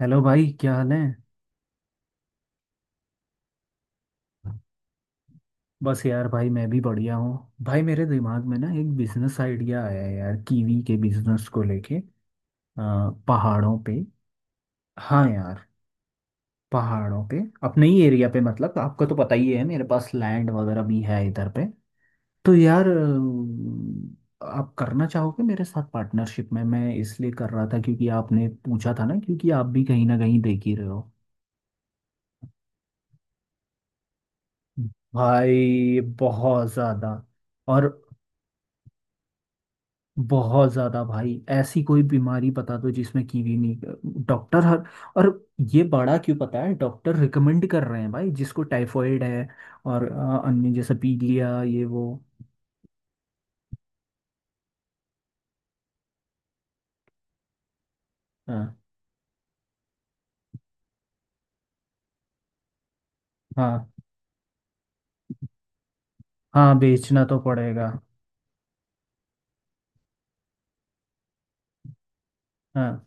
Hello भाई, क्या हाल है। बस यार भाई, मैं भी बढ़िया हूँ। भाई मेरे दिमाग में ना एक बिजनेस आइडिया आया है यार, कीवी के बिजनेस को लेके पहाड़ों पे। हाँ यार, पहाड़ों पे। अपने ही एरिया पे, मतलब आपको तो पता ही है मेरे पास लैंड वगैरह भी है इधर पे। तो यार आप करना चाहोगे मेरे साथ पार्टनरशिप में। मैं इसलिए कर रहा था क्योंकि आपने पूछा था ना, क्योंकि आप भी कहीं ना कहीं देख ही रहे हो। भाई बहुत ज्यादा। और बहुत ज्यादा भाई, ऐसी कोई बीमारी बता दो जिसमें कीवी नहीं। डॉक्टर हर। और ये बड़ा क्यों पता है, डॉक्टर रिकमेंड कर रहे हैं भाई। जिसको टाइफॉइड है और अन्य जैसे पीलिया ये वो। हाँ, हाँ। हाँ, बेचना तो पड़ेगा। हाँ।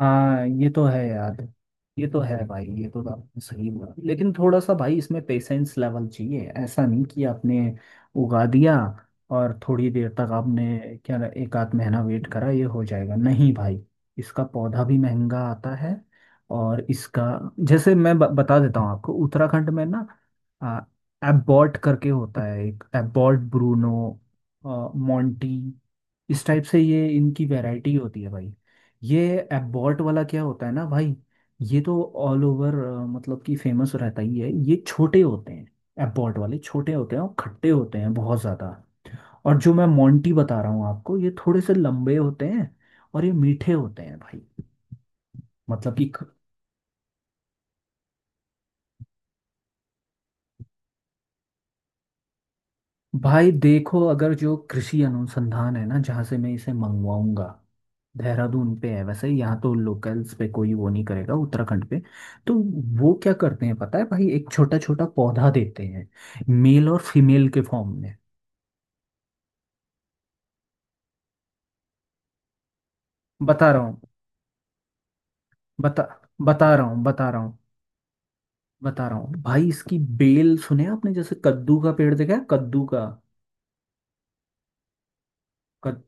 हाँ, ये तो है यार। ये तो है भाई, ये तो आपने सही बोला। लेकिन थोड़ा सा भाई, इसमें पेशेंस लेवल चाहिए। ऐसा नहीं कि आपने उगा दिया और थोड़ी देर तक आपने क्या एक आध महीना वेट करा ये हो जाएगा, नहीं भाई। इसका पौधा भी महंगा आता है। और इसका जैसे मैं बता देता हूँ आपको। उत्तराखंड में ना आ, एबॉट करके होता है एक, एबॉट, ब्रूनो, अ, मोंटी। इस टाइप से ये इनकी वैरायटी होती है भाई। ये एबॉट वाला क्या होता है ना भाई, ये तो ऑल ओवर मतलब कि फेमस रहता ही है। ये छोटे होते हैं, एबॉट वाले छोटे होते हैं और खट्टे होते हैं बहुत ज़्यादा। और जो मैं मोंटी बता रहा हूँ आपको, ये थोड़े से लंबे होते हैं और ये मीठे होते हैं भाई। मतलब कि भाई देखो, अगर जो कृषि अनुसंधान है ना जहाँ से मैं इसे मंगवाऊंगा, देहरादून पे है। वैसे यहाँ तो लोकल्स पे कोई वो नहीं करेगा उत्तराखंड पे। तो वो क्या करते हैं पता है भाई, एक छोटा छोटा पौधा देते हैं मेल और फीमेल के फॉर्म में। बता रहा हूँ बता बता रहा हूँ बता रहा हूँ बता रहा हूँ भाई, इसकी बेल। सुने आपने जैसे कद्दू का पेड़ देखा है, कद्दू का कद,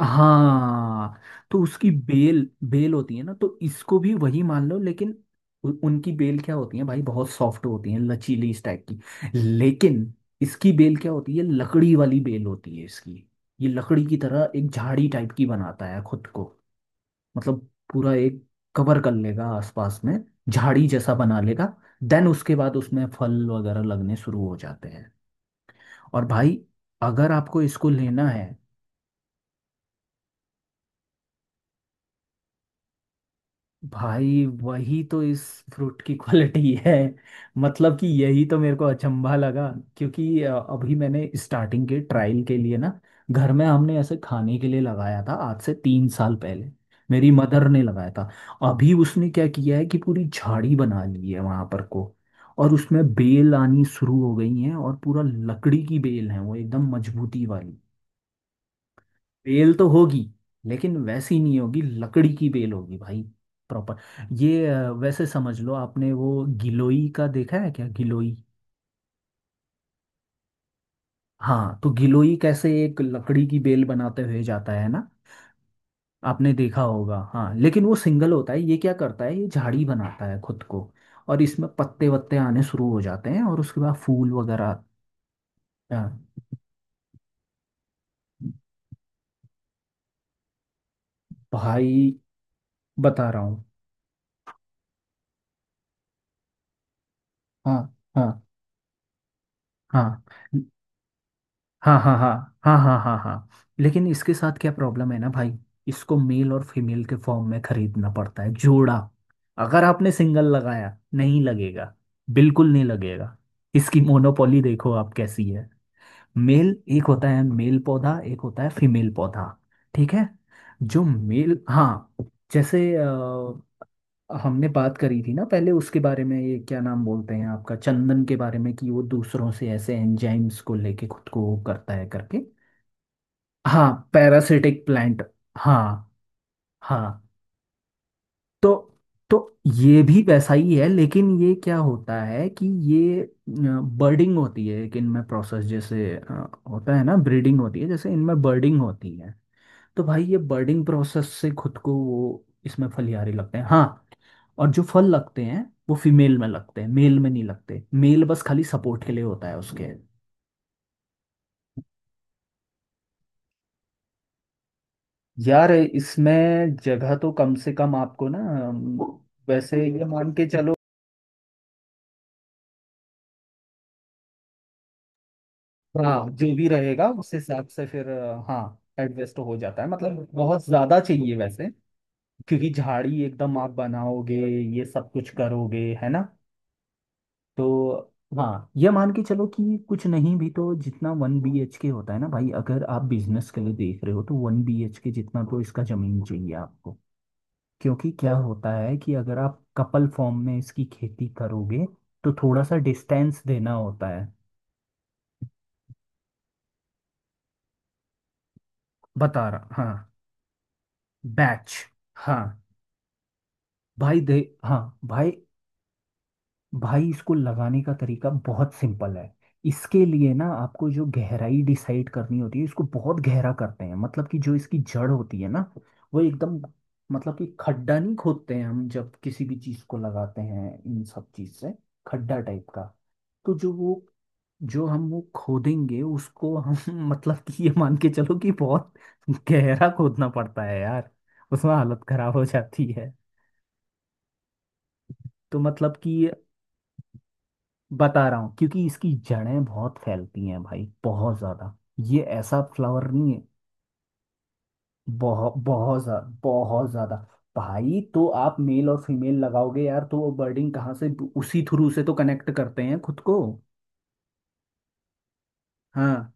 हाँ, तो उसकी बेल बेल होती है ना, तो इसको भी वही मान लो। लेकिन उनकी बेल क्या होती है भाई, बहुत सॉफ्ट होती है, लचीली इस टाइप की। लेकिन इसकी बेल क्या होती है, लकड़ी वाली बेल होती है इसकी। ये लकड़ी की तरह एक झाड़ी टाइप की बनाता है खुद को। मतलब पूरा एक कवर कर लेगा आसपास में, झाड़ी जैसा बना लेगा। देन उसके बाद उसमें फल वगैरह लगने शुरू हो जाते हैं। और भाई, अगर आपको इसको लेना है, भाई वही तो इस फ्रूट की क्वालिटी है। मतलब कि यही तो मेरे को अचंभा लगा। क्योंकि अभी मैंने स्टार्टिंग के ट्रायल के लिए ना घर में हमने ऐसे खाने के लिए लगाया था आज से 3 साल पहले। मेरी मदर ने लगाया था। अभी उसने क्या किया है कि पूरी झाड़ी बना ली है वहां पर को, और उसमें बेल आनी शुरू हो गई है, और पूरा लकड़ी की बेल है वो, एकदम मजबूती वाली। बेल तो होगी लेकिन वैसी नहीं होगी, लकड़ी की बेल होगी भाई, प्रॉपर। ये वैसे समझ लो, आपने वो गिलोई का देखा है क्या, गिलोई। हाँ, तो गिलोई कैसे एक लकड़ी की बेल बनाते हुए जाता है ना, आपने देखा होगा। हाँ, लेकिन वो सिंगल होता है, ये क्या करता है ये झाड़ी बनाता है खुद को। और इसमें पत्ते वत्ते आने शुरू हो जाते हैं और उसके बाद फूल वगैरह। अ, भाई बता रहा हूँ। हाँ, हाँ, हाँ, हाँ। हाँ, हाँ, हाँ, हाँ, हाँ, हाँ। लेकिन इसके साथ क्या प्रॉब्लम है ना भाई, इसको मेल और फीमेल के फॉर्म में खरीदना पड़ता है, जोड़ा। अगर आपने सिंगल लगाया नहीं लगेगा, बिल्कुल नहीं लगेगा। इसकी मोनोपोली देखो आप कैसी है। मेल एक होता है, मेल पौधा, एक होता है फीमेल पौधा। ठीक है। जो मेल, हाँ। जैसे हमने बात करी थी ना पहले उसके बारे में, ये क्या नाम बोलते हैं आपका, चंदन के बारे में, कि वो दूसरों से ऐसे एंजाइम्स को लेके खुद को वो करता है करके। हाँ, पैरासिटिक प्लांट। हाँ। हाँ। तो तो ये भी वैसा ही है, लेकिन ये क्या होता है कि ये बर्डिंग होती है एक इनमें प्रोसेस जैसे होता है ना ब्रीडिंग होती है, जैसे इनमें बर्डिंग होती है। तो भाई ये बर्डिंग प्रोसेस से खुद को वो इसमें फलियारे लगते हैं, हाँ। और जो फल लगते हैं वो फीमेल में लगते हैं, मेल में नहीं लगते। मेल बस खाली सपोर्ट के लिए होता है उसके। यार, इसमें जगह तो कम से कम आपको ना अम, वैसे ये मान के चलो। हाँ, जो भी रहेगा उस हिसाब से फिर हाँ एडजस्ट हो जाता है। मतलब बहुत ज्यादा चाहिए वैसे, क्योंकि झाड़ी एकदम आप बनाओगे, ये सब कुछ करोगे, है ना। तो हाँ, ये मान के चलो कि कुछ नहीं भी तो जितना वन बी एच के होता है ना भाई, अगर आप बिजनेस के लिए देख रहे हो तो 1 BHK जितना तो इसका जमीन चाहिए आपको। क्योंकि क्या होता है कि अगर आप कपल फॉर्म में इसकी खेती करोगे तो थोड़ा सा डिस्टेंस देना होता है। बता रहा हाँ। बैच, हाँ। भाई दे, हाँ भाई। भाई इसको लगाने का तरीका बहुत सिंपल है। इसके लिए ना आपको जो गहराई डिसाइड करनी होती है, इसको बहुत गहरा करते हैं। मतलब कि जो इसकी जड़ होती है ना वो एकदम, मतलब कि खड्डा नहीं खोदते हैं हम जब किसी भी चीज को लगाते हैं इन सब चीज से खड्डा टाइप का। तो जो वो जो हम वो खोदेंगे उसको हम मतलब कि ये मान के चलो कि बहुत गहरा खोदना पड़ता है यार। उसमें हालत खराब हो जाती है। तो मतलब कि बता रहा हूँ, क्योंकि इसकी जड़ें बहुत फैलती हैं भाई, बहुत ज्यादा। ये ऐसा फ्लावर नहीं है। बहुत, बहुत ज्यादा, बहुत ज्यादा। भाई तो आप मेल और फीमेल लगाओगे यार, तो वो बर्डिंग कहाँ से, उसी थ्रू से तो कनेक्ट करते हैं खुद को। हाँ।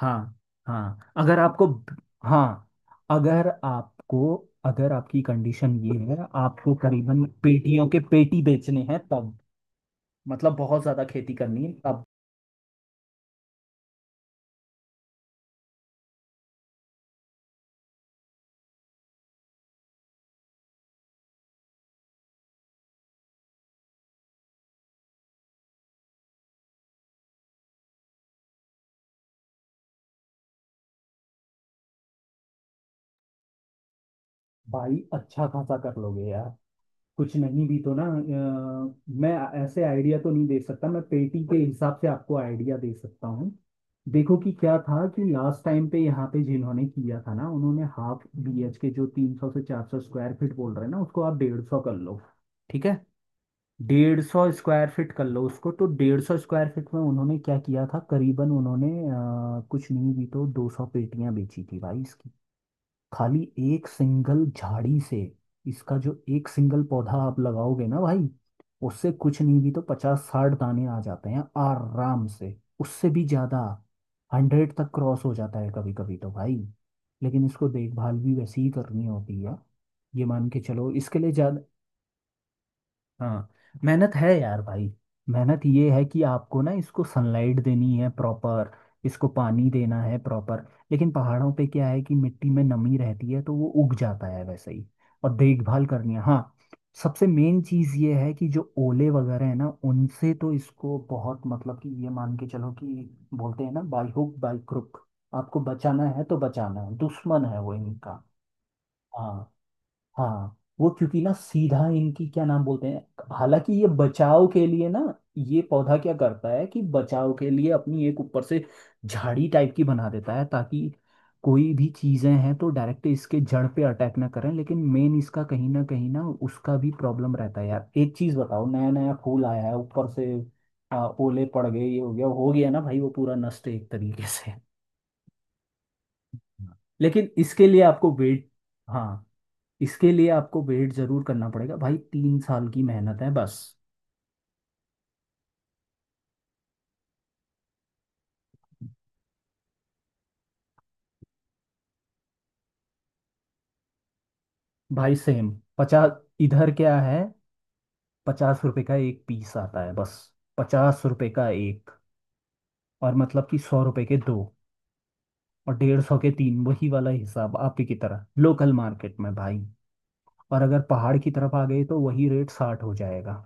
हाँ। हाँ, अगर आपको, हाँ, अगर आपको, अगर आपकी कंडीशन ये है, आपको करीबन पेटियों के पेटी बेचने हैं, तब मतलब बहुत ज्यादा खेती करनी है तब। भाई अच्छा खासा कर लोगे यार। कुछ नहीं भी तो ना मैं ऐसे आइडिया तो नहीं दे सकता, मैं पेटी के हिसाब से आपको आइडिया दे सकता हूँ। देखो कि क्या था, कि लास्ट टाइम पे यहाँ पे जिन्होंने किया था ना, उन्होंने half BHK जो 300 से 400 स्क्वायर फीट बोल रहे हैं ना, उसको आप 150 कर लो। ठीक है, 150 स्क्वायर फीट कर लो उसको। तो 150 स्क्वायर फीट में उन्होंने क्या किया था करीबन, उन्होंने कुछ नहीं भी तो 200 पेटियां बेची थी भाई इसकी। खाली एक सिंगल झाड़ी से। इसका जो एक सिंगल पौधा आप लगाओगे ना भाई, उससे कुछ नहीं भी तो 50-60 दाने आ जाते हैं आराम से। उससे भी ज्यादा, 100 तक क्रॉस हो जाता है कभी कभी तो भाई। लेकिन इसको देखभाल भी वैसे ही करनी होती है, ये मान के चलो इसके लिए ज्यादा। हाँ, मेहनत है यार भाई। मेहनत ये है कि आपको ना इसको सनलाइट देनी है प्रॉपर, इसको पानी देना है प्रॉपर। लेकिन पहाड़ों पे क्या है कि मिट्टी में नमी रहती है तो वो उग जाता है वैसे ही। और देखभाल करनी है हाँ। सबसे मेन चीज़ ये है कि जो ओले वगैरह है ना, उनसे तो इसको बहुत, मतलब कि ये मान के चलो कि बोलते हैं ना बाई हुक बाई क्रुक, आपको बचाना है तो बचाना है। दुश्मन है वो इनका। हाँ। हाँ, वो क्योंकि ना सीधा इनकी क्या नाम बोलते हैं, हालांकि ये बचाव के लिए ना, ये पौधा क्या करता है कि बचाव के लिए अपनी एक ऊपर से झाड़ी टाइप की बना देता है ताकि कोई भी चीजें हैं तो डायरेक्ट इसके जड़ पे अटैक ना करें। लेकिन मेन इसका कहीं ना उसका भी प्रॉब्लम रहता है यार, एक चीज बताओ, नया नया फूल आया है ऊपर से ओले पड़ गए ये हो गया, हो गया ना भाई वो पूरा नष्ट है एक तरीके से। लेकिन इसके लिए आपको वेट, हाँ, इसके लिए आपको वेट जरूर करना पड़ेगा भाई। 3 साल की मेहनत है बस। भाई सेम। पचास। इधर क्या है, 50 रुपए का एक पीस आता है बस। 50 रुपए का एक, और मतलब कि 100 रुपए के 2, और 150 के 3, वही वाला हिसाब आप ही की तरह लोकल मार्केट में भाई। और अगर पहाड़ की तरफ आ गए तो वही रेट 60 हो जाएगा,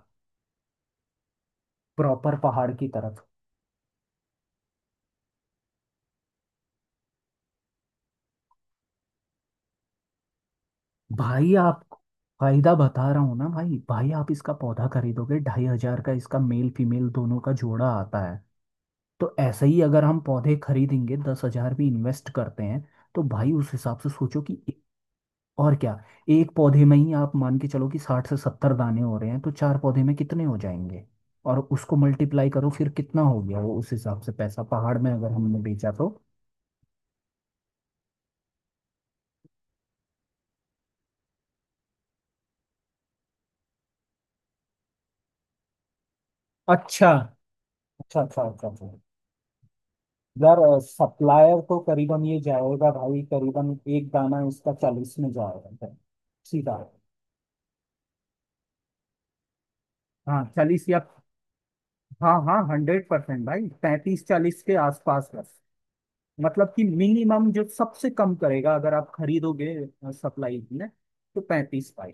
प्रॉपर पहाड़ की तरफ। भाई आप, फायदा बता रहा हूँ ना भाई। भाई आप इसका पौधा खरीदोगे 2,500 का, इसका मेल फीमेल दोनों का जोड़ा आता है। तो ऐसे ही अगर हम पौधे खरीदेंगे, 10,000 भी इन्वेस्ट करते हैं तो भाई उस हिसाब से सोचो कि ए-। और क्या, एक पौधे में ही आप मान के चलो कि 60 से 70 दाने हो रहे हैं, तो चार पौधे में कितने हो जाएंगे। और उसको मल्टीप्लाई करो फिर, कितना हो गया वो, उस हिसाब से पैसा पहाड़ में अगर हमने बेचा तो। अच्छा, अच्छा, अच्छा, अच्छा, अच्छा। यार, सप्लायर तो करीबन ये जाएगा भाई, करीबन एक दाना इसका 40 में जाएगा, सीधा। हाँ, 40 या, हाँ, हाँ, 100% भाई, 35-40 के आसपास बस। मतलब कि मिनिमम जो सबसे कम करेगा अगर आप खरीदोगे सप्लाई में, तो 35 भाई।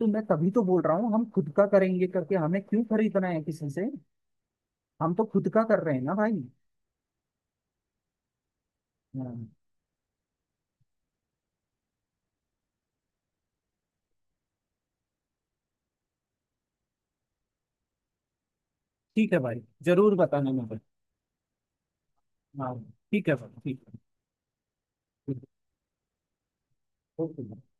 तो मैं तभी तो बोल रहा हूँ हम खुद का करेंगे करके, हमें क्यों खरीदना है किसी से, हम तो खुद का कर रहे हैं ना भाई। हाँ। ठीक है भाई, जरूर बताना मुझे। हाँ, ठीक है भाई ठीक है। ओके।